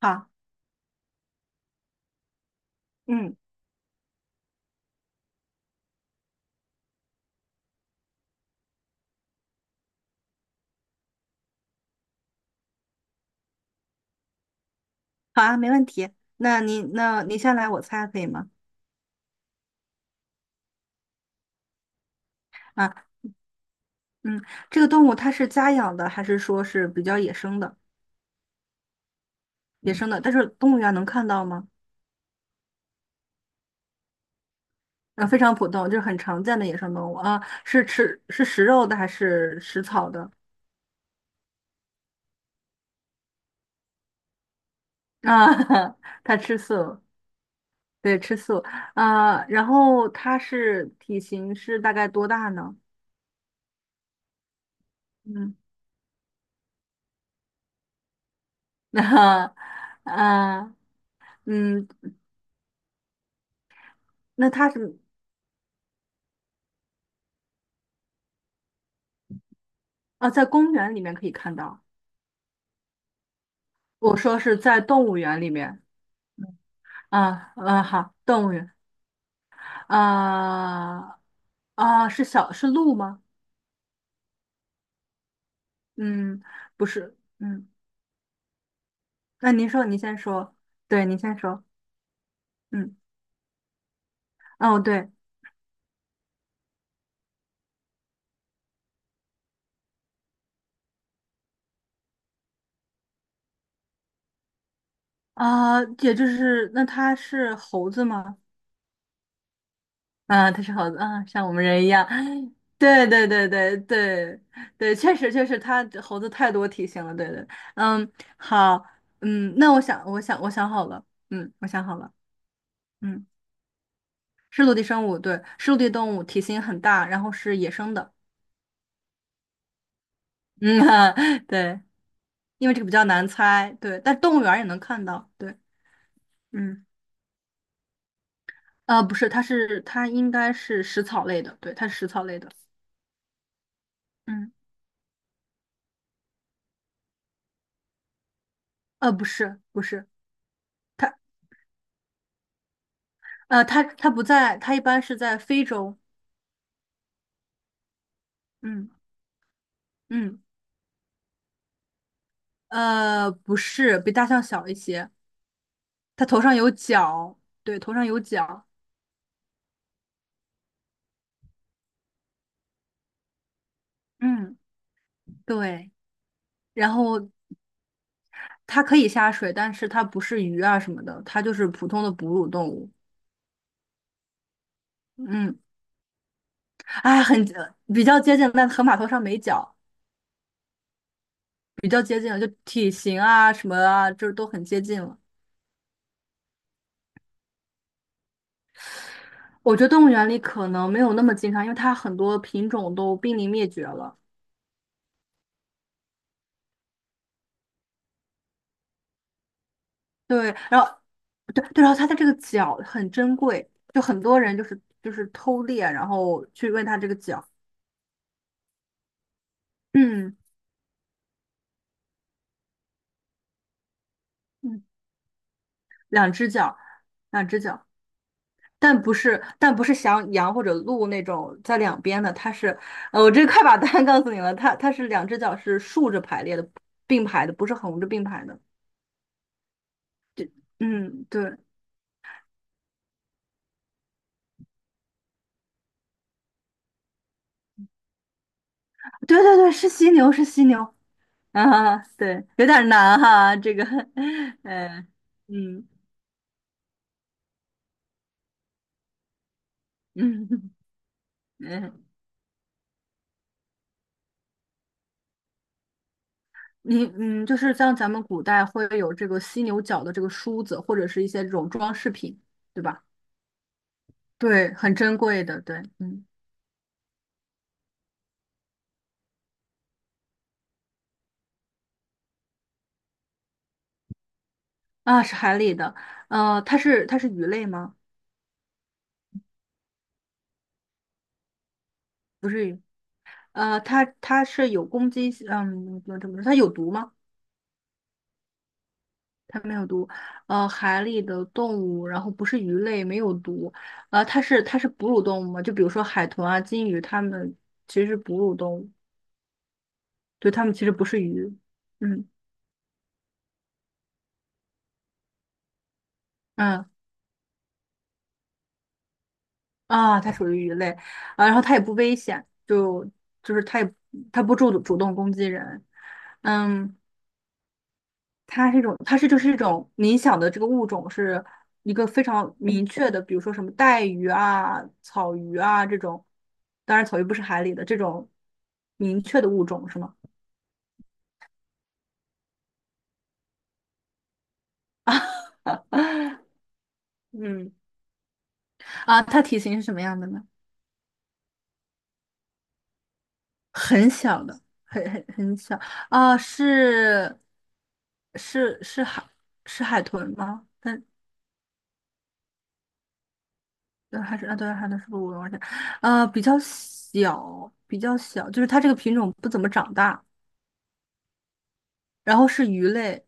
好，嗯，好啊，没问题。那你先来，我猜可以吗？啊，嗯，这个动物它是家养的，还是说是比较野生的？野生的，但是动物园能看到吗？啊，非常普通，就是很常见的野生动物啊。是食肉的还是食草的？啊，它吃素，对，吃素。啊，然后它体型是大概多大呢？嗯，那、啊，嗯，那它是啊，在公园里面可以看到。我说是在动物园里面啊，嗯，好，动物园啊，啊，是鹿吗？嗯，不是，嗯，那您说，您先说，对，您先说，嗯，哦，对啊，也就是那它是猴子吗？啊，它是猴子啊，像我们人一样，对对对对对对，确实确实，它猴子太多体型了，对对，嗯，好，嗯，那我想好了，嗯，我想好了，嗯。是陆地生物，对，是陆地动物，体型很大，然后是野生的。嗯，对，因为这个比较难猜，对，但动物园儿也能看到，对，嗯，不是，它应该是食草类的，对，它是食草类的，嗯，不是，不是，它，它不在，它一般是在非洲，嗯嗯，不是，比大象小一些，它头上有角，对，头上有角，嗯，对，然后。它可以下水，但是它不是鱼啊什么的，它就是普通的哺乳动物。嗯，哎，比较接近，但河马头上没角，比较接近了，就体型啊什么啊，就是都很接近了。我觉得动物园里可能没有那么经常，因为它很多品种都濒临灭绝了。对，然后对对，然后它的这个角很珍贵，就很多人就是偷猎，然后去问它这个角。嗯嗯，两只脚，两只脚。但不是，但不是像羊或者鹿那种在两边的，它是，我这快把答案告诉你了，它是两只脚是竖着排列的，并排的，不是横着并排的。嗯，对，对对对，是犀牛，是犀牛。啊，对，有点难哈，这个，呃，嗯嗯嗯 你就是像咱们古代会有这个犀牛角的这个梳子，或者是一些这种装饰品，对吧？对，很珍贵的，对，嗯。啊，是海里的，它是鱼类吗？不是鱼，它是有攻击性，嗯，怎么说？它有毒吗？它没有毒，海里的动物，然后不是鱼类，没有毒，它是哺乳动物吗？就比如说海豚啊、金鱼，它们其实是哺乳动物，对，它们其实不是鱼，嗯嗯啊，它属于鱼类，啊，然后它也不危险，就是它不主动攻击人，嗯。它是一种，它是就是一种你想的这个物种是一个非常明确的，比如说什么带鱼啊、草鱼啊这种，当然草鱼不是海里的这种明确的物种是吗？嗯，啊，它体型是什么样的呢？很小的，很小啊，是是是海是海豚吗？但还是啊，对，海豚是不是我忘记了？比较小，比较小，就是它这个品种不怎么长大，然后是鱼类。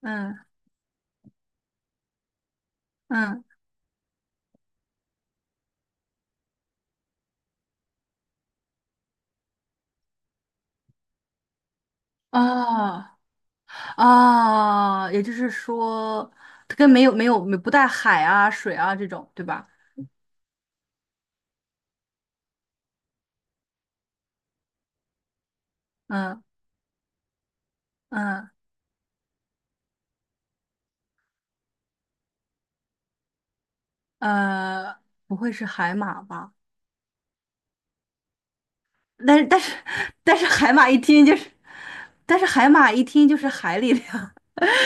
嗯嗯，哦哦，也就是说，它跟没有不带海啊、水啊这种，对吧？嗯嗯呃，不会是海马吧？但是 但是海马一听就是，但是海马一听就是海里的呀，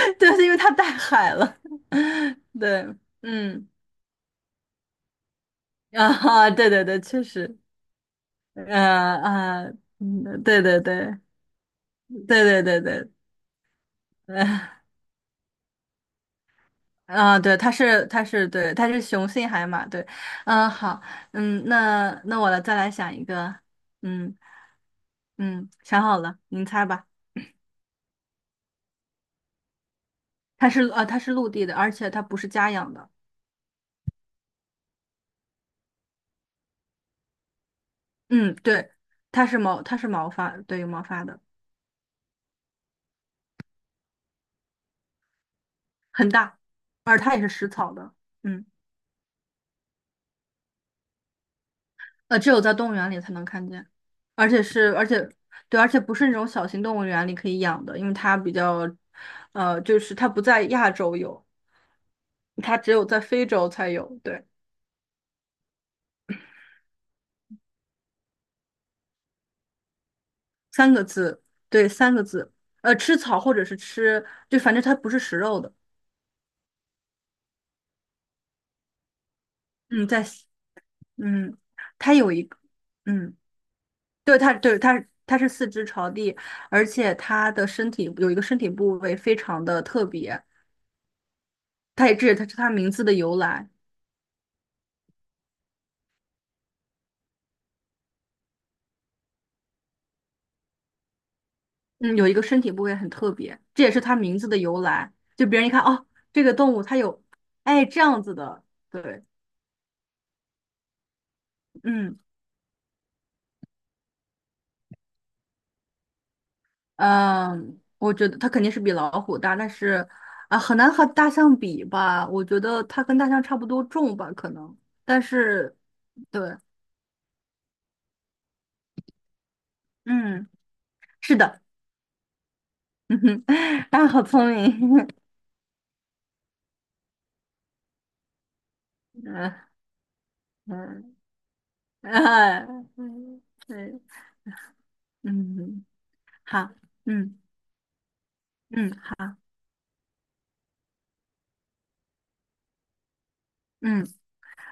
对，因为它带海了，对，嗯啊，对对对，确实，啊，嗯，对对对对对对对。啊，对，它是，对，它是雄性海马，对，嗯，好，嗯，那我来想一个，嗯嗯，想好了，您猜吧，它是陆地的，而且它不是家养的，嗯，对，它是毛发，对，有毛发的，很大，而它也是食草的，嗯，只有在动物园里才能看见，而且对，而且不是那种小型动物园里可以养的，因为它比较，就是它不在亚洲有。它只有在非洲才有，对，三个字，对，三个字，吃草或者是吃，就反正它不是食肉的，嗯，在，嗯，它有一个，嗯，对，它，对，它是四肢朝地，而且它的身体有一个身体部位非常的特别，它也这也它是它名字的由来，嗯，有一个身体部位很特别，这也是它名字的由来，就别人一看，哦，这个动物它有，哎，这样子的，对，嗯。嗯，我觉得它肯定是比老虎大，但是啊，很难和大象比吧？我觉得它跟大象差不多重吧，可能。但是，对，嗯，是的，嗯哼，啊，好聪明，嗯嗯哎，嗯对嗯，好，嗯嗯好，嗯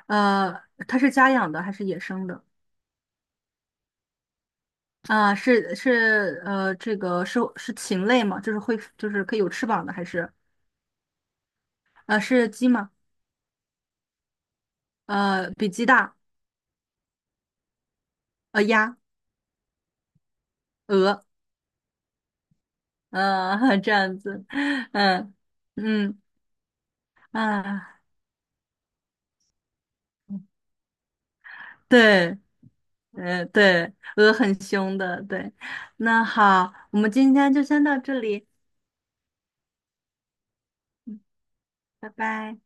呃，它是家养的还是野生的？啊，这个是禽类吗？就是会就是可以有翅膀的，还是是鸡吗？比鸡大，鸭，鹅，这样子，嗯嗯啊，对，对，鹅很凶的，对，那好，我们今天就先到这里，拜拜。